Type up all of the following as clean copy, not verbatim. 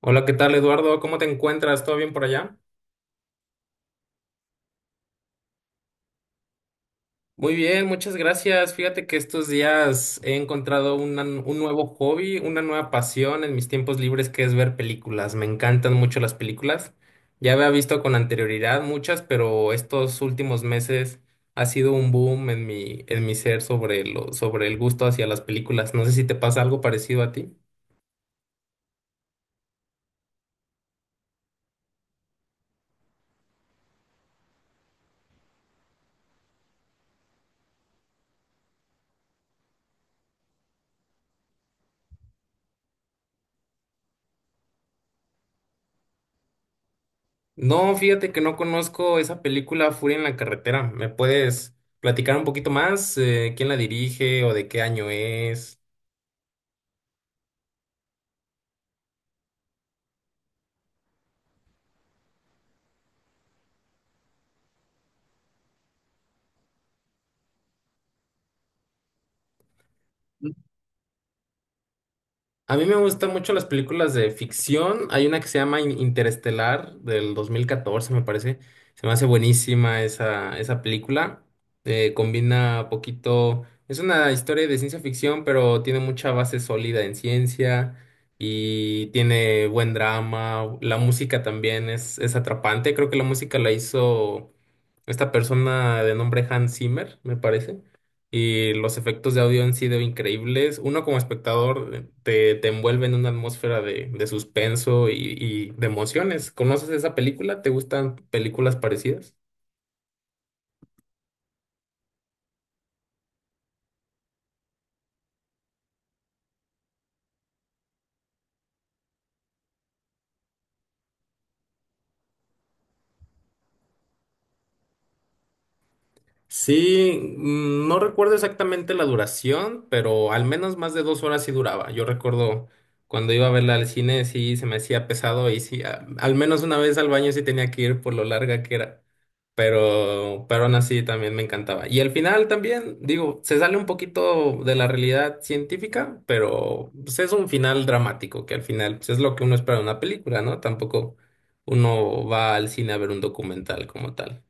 Hola, ¿qué tal, Eduardo? ¿Cómo te encuentras? ¿Todo bien por allá? Muy bien, muchas gracias. Fíjate que estos días he encontrado un nuevo hobby, una nueva pasión en mis tiempos libres que es ver películas. Me encantan mucho las películas. Ya había visto con anterioridad muchas, pero estos últimos meses ha sido un boom en mi ser sobre el gusto hacia las películas. No sé si te pasa algo parecido a ti. No, fíjate que no conozco esa película Furia en la carretera. ¿Me puedes platicar un poquito más? ¿Quién la dirige o de qué año es? A mí me gustan mucho las películas de ficción. Hay una que se llama Interestelar del 2014, me parece. Se me hace buenísima esa película. Combina poquito. Es una historia de ciencia ficción, pero tiene mucha base sólida en ciencia y tiene buen drama. La música también es atrapante. Creo que la música la hizo esta persona de nombre Hans Zimmer, me parece. Y los efectos de audio han sido increíbles. Uno como espectador te envuelve en una atmósfera de suspenso y de emociones. ¿Conoces esa película? ¿Te gustan películas parecidas? Sí, no recuerdo exactamente la duración, pero al menos más de 2 horas sí duraba. Yo recuerdo cuando iba a verla al cine, sí se me hacía pesado y sí, al menos una vez al baño sí tenía que ir por lo larga que era. Pero aún así también me encantaba. Y al final también, digo, se sale un poquito de la realidad científica, pero pues, es un final dramático, que al final pues, es lo que uno espera de una película, ¿no? Tampoco uno va al cine a ver un documental como tal.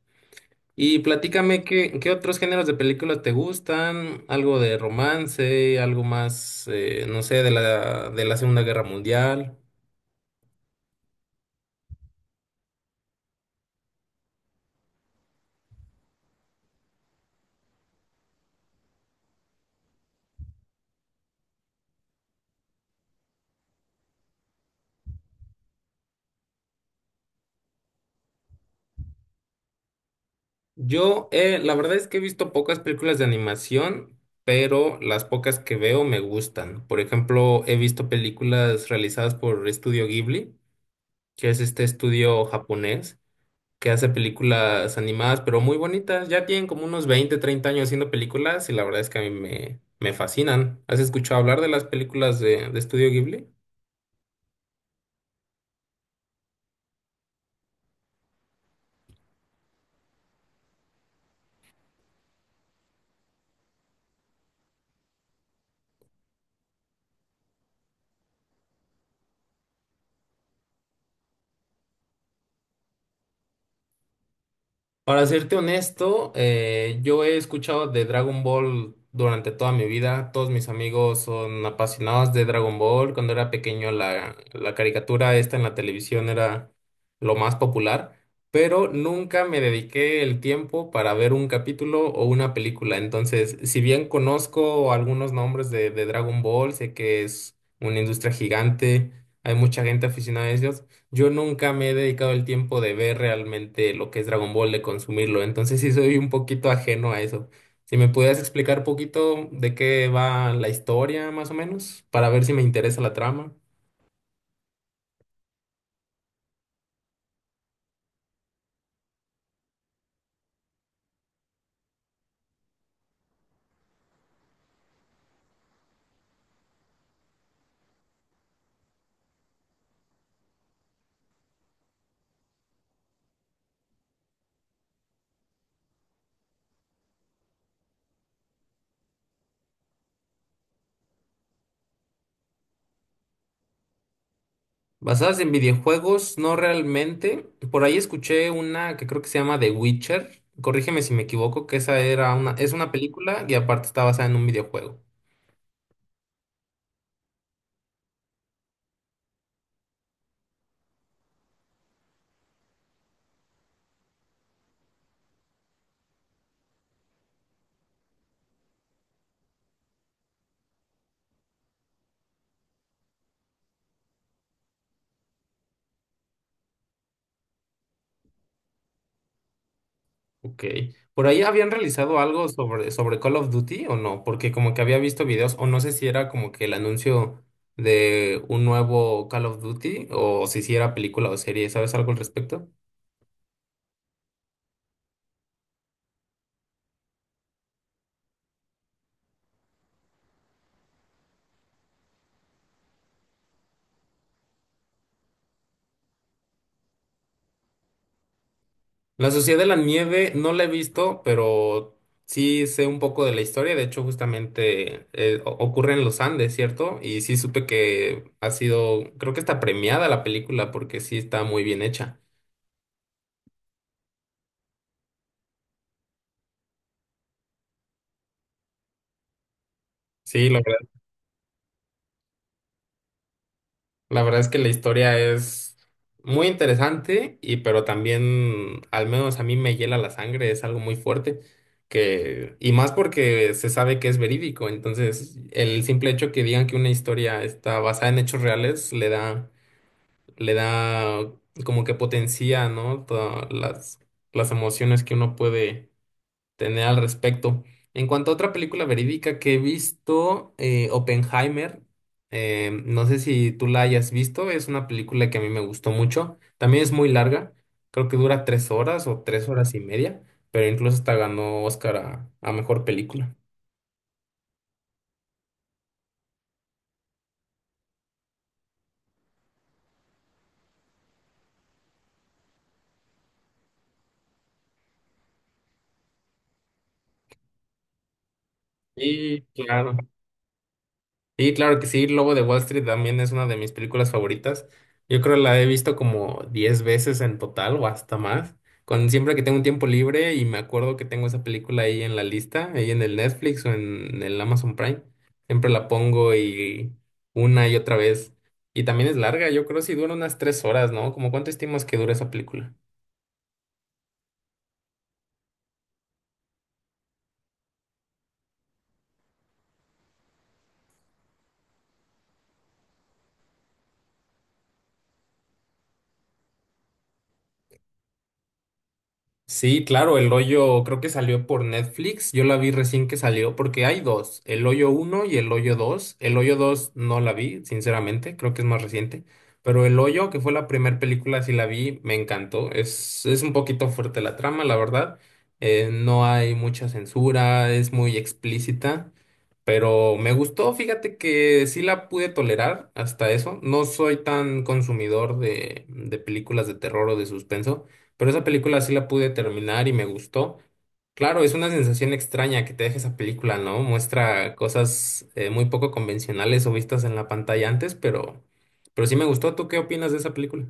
Y platícame qué otros géneros de películas te gustan, algo de romance, algo más, no sé, de la Segunda Guerra Mundial. Yo, la verdad es que he visto pocas películas de animación, pero las pocas que veo me gustan. Por ejemplo, he visto películas realizadas por Estudio Ghibli, que es este estudio japonés, que hace películas animadas, pero muy bonitas. Ya tienen como unos 20 30 años haciendo películas y la verdad es que a mí me fascinan. ¿Has escuchado hablar de las películas de Estudio Ghibli? Para serte honesto, yo he escuchado de Dragon Ball durante toda mi vida. Todos mis amigos son apasionados de Dragon Ball. Cuando era pequeño, la caricatura esta en la televisión era lo más popular, pero nunca me dediqué el tiempo para ver un capítulo o una película. Entonces, si bien conozco algunos nombres de Dragon Ball, sé que es una industria gigante, hay mucha gente aficionada a ellos. Yo nunca me he dedicado el tiempo de ver realmente lo que es Dragon Ball, de consumirlo, entonces sí soy un poquito ajeno a eso. Si me pudieras explicar poquito de qué va la historia, más o menos, para ver si me interesa la trama. Basadas en videojuegos, no realmente. Por ahí escuché una que creo que se llama The Witcher. Corrígeme si me equivoco, que es una película y aparte está basada en un videojuego. Ok. ¿Por ahí habían realizado algo sobre Call of Duty o no? Porque como que había visto videos, o no sé si era como que el anuncio de un nuevo Call of Duty, o si sí era película o serie, ¿sabes algo al respecto? La Sociedad de la Nieve no la he visto, pero sí sé un poco de la historia. De hecho, justamente ocurre en los Andes, ¿cierto? Y sí supe que ha sido, creo que está premiada la película porque sí está muy bien hecha. Sí, lo La verdad es que la historia es muy interesante pero también, al menos a mí me hiela la sangre, es algo muy fuerte que y más porque se sabe que es verídico, entonces el simple hecho que digan que una historia está basada en hechos reales le da como que potencia, ¿no? Todas las emociones que uno puede tener al respecto. En cuanto a otra película verídica que he visto, Oppenheimer, no sé si tú la hayas visto, es una película que a mí me gustó mucho, también es muy larga, creo que dura 3 horas o 3 horas y media, pero incluso hasta ganó Oscar a mejor película. Sí, claro. Sí, claro que sí, Lobo de Wall Street también es una de mis películas favoritas. Yo creo que la he visto como 10 veces en total o hasta más. Con siempre que tengo un tiempo libre y me acuerdo que tengo esa película ahí en la lista, ahí en el Netflix o en el Amazon Prime, siempre la pongo y una y otra vez. Y también es larga, yo creo si dura unas 3 horas, ¿no? ¿Cómo cuánto estimas que dura esa película? Sí, claro, El Hoyo creo que salió por Netflix. Yo la vi recién que salió porque hay dos, El Hoyo uno y El Hoyo 2. El Hoyo 2 no la vi, sinceramente, creo que es más reciente. Pero El Hoyo, que fue la primera película, sí la vi, me encantó. Es un poquito fuerte la trama, la verdad. No hay mucha censura, es muy explícita. Pero me gustó, fíjate que sí la pude tolerar hasta eso. No soy tan consumidor de películas de terror o de suspenso. Pero esa película sí la pude terminar y me gustó. Claro, es una sensación extraña que te deja esa película, ¿no? Muestra cosas muy poco convencionales o vistas en la pantalla antes, pero sí me gustó. ¿Tú qué opinas de esa película?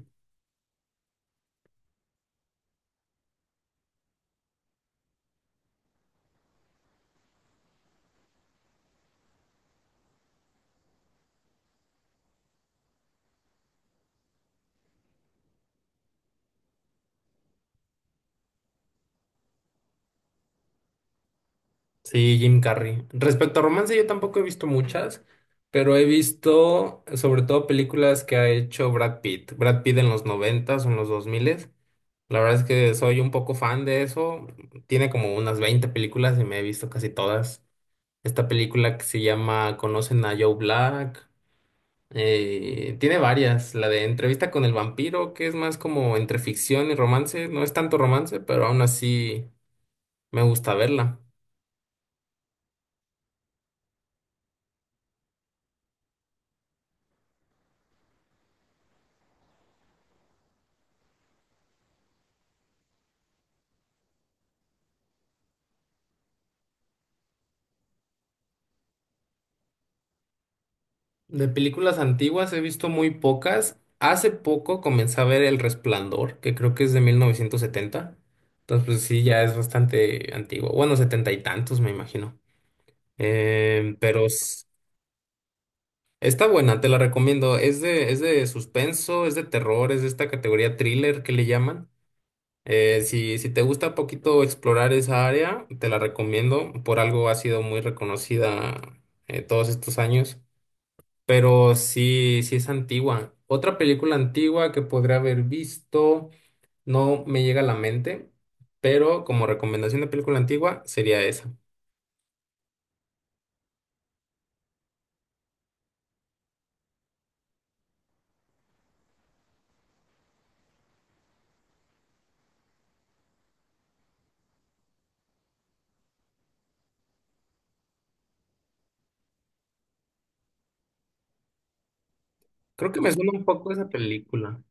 Sí, Jim Carrey. Respecto a romance, yo tampoco he visto muchas, pero he visto sobre todo películas que ha hecho Brad Pitt. Brad Pitt en los noventas o en los dos miles. La verdad es que soy un poco fan de eso. Tiene como unas 20 películas y me he visto casi todas. Esta película que se llama Conocen a Joe Black, tiene varias. La de Entrevista con el vampiro, que es más como entre ficción y romance. No es tanto romance, pero aún así me gusta verla. De películas antiguas he visto muy pocas. Hace poco comencé a ver El Resplandor, que creo que es de 1970. Entonces, pues sí, ya es bastante antiguo. Bueno, setenta y tantos, me imagino. Em, pero s- Está buena, te la recomiendo. Es de suspenso, es de terror, es de esta categoría thriller que le llaman. Si te gusta poquito explorar esa área, te la recomiendo. Por algo ha sido muy reconocida todos estos años. Pero sí, sí es antigua. Otra película antigua que podría haber visto, no me llega a la mente, pero como recomendación de película antigua sería esa. Creo que me suena un poco esa película.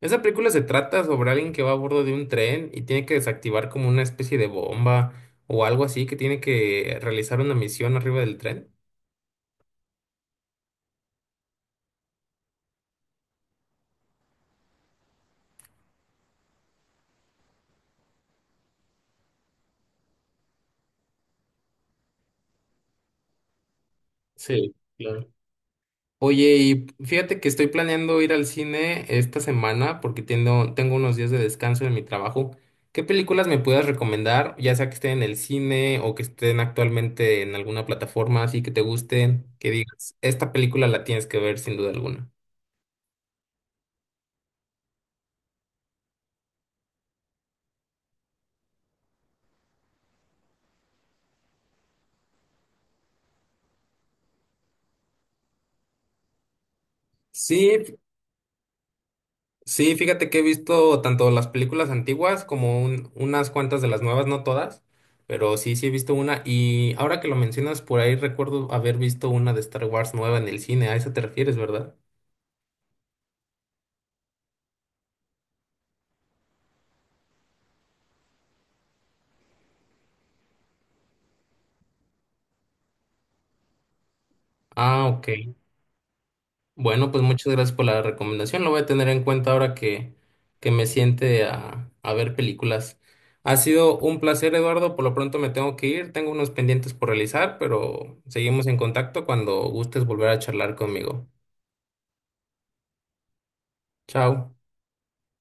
Esa película se trata sobre alguien que va a bordo de un tren y tiene que desactivar como una especie de bomba o algo así, que tiene que realizar una misión arriba del tren. Sí, claro. Oye, y fíjate que estoy planeando ir al cine esta semana porque tengo unos días de descanso en mi trabajo. ¿Qué películas me puedas recomendar? Ya sea que estén en el cine o que estén actualmente en alguna plataforma así que te gusten, que digas, esta película la tienes que ver sin duda alguna. Sí. Sí, fíjate que he visto tanto las películas antiguas como unas cuantas de las nuevas, no todas, pero sí, sí he visto una. Y ahora que lo mencionas, por ahí recuerdo haber visto una de Star Wars nueva en el cine. A eso te refieres, ¿verdad? Ah, ok. Bueno, pues muchas gracias por la recomendación. Lo voy a tener en cuenta ahora que me siente a ver películas. Ha sido un placer, Eduardo. Por lo pronto me tengo que ir. Tengo unos pendientes por realizar, pero seguimos en contacto cuando gustes volver a charlar conmigo. Chao.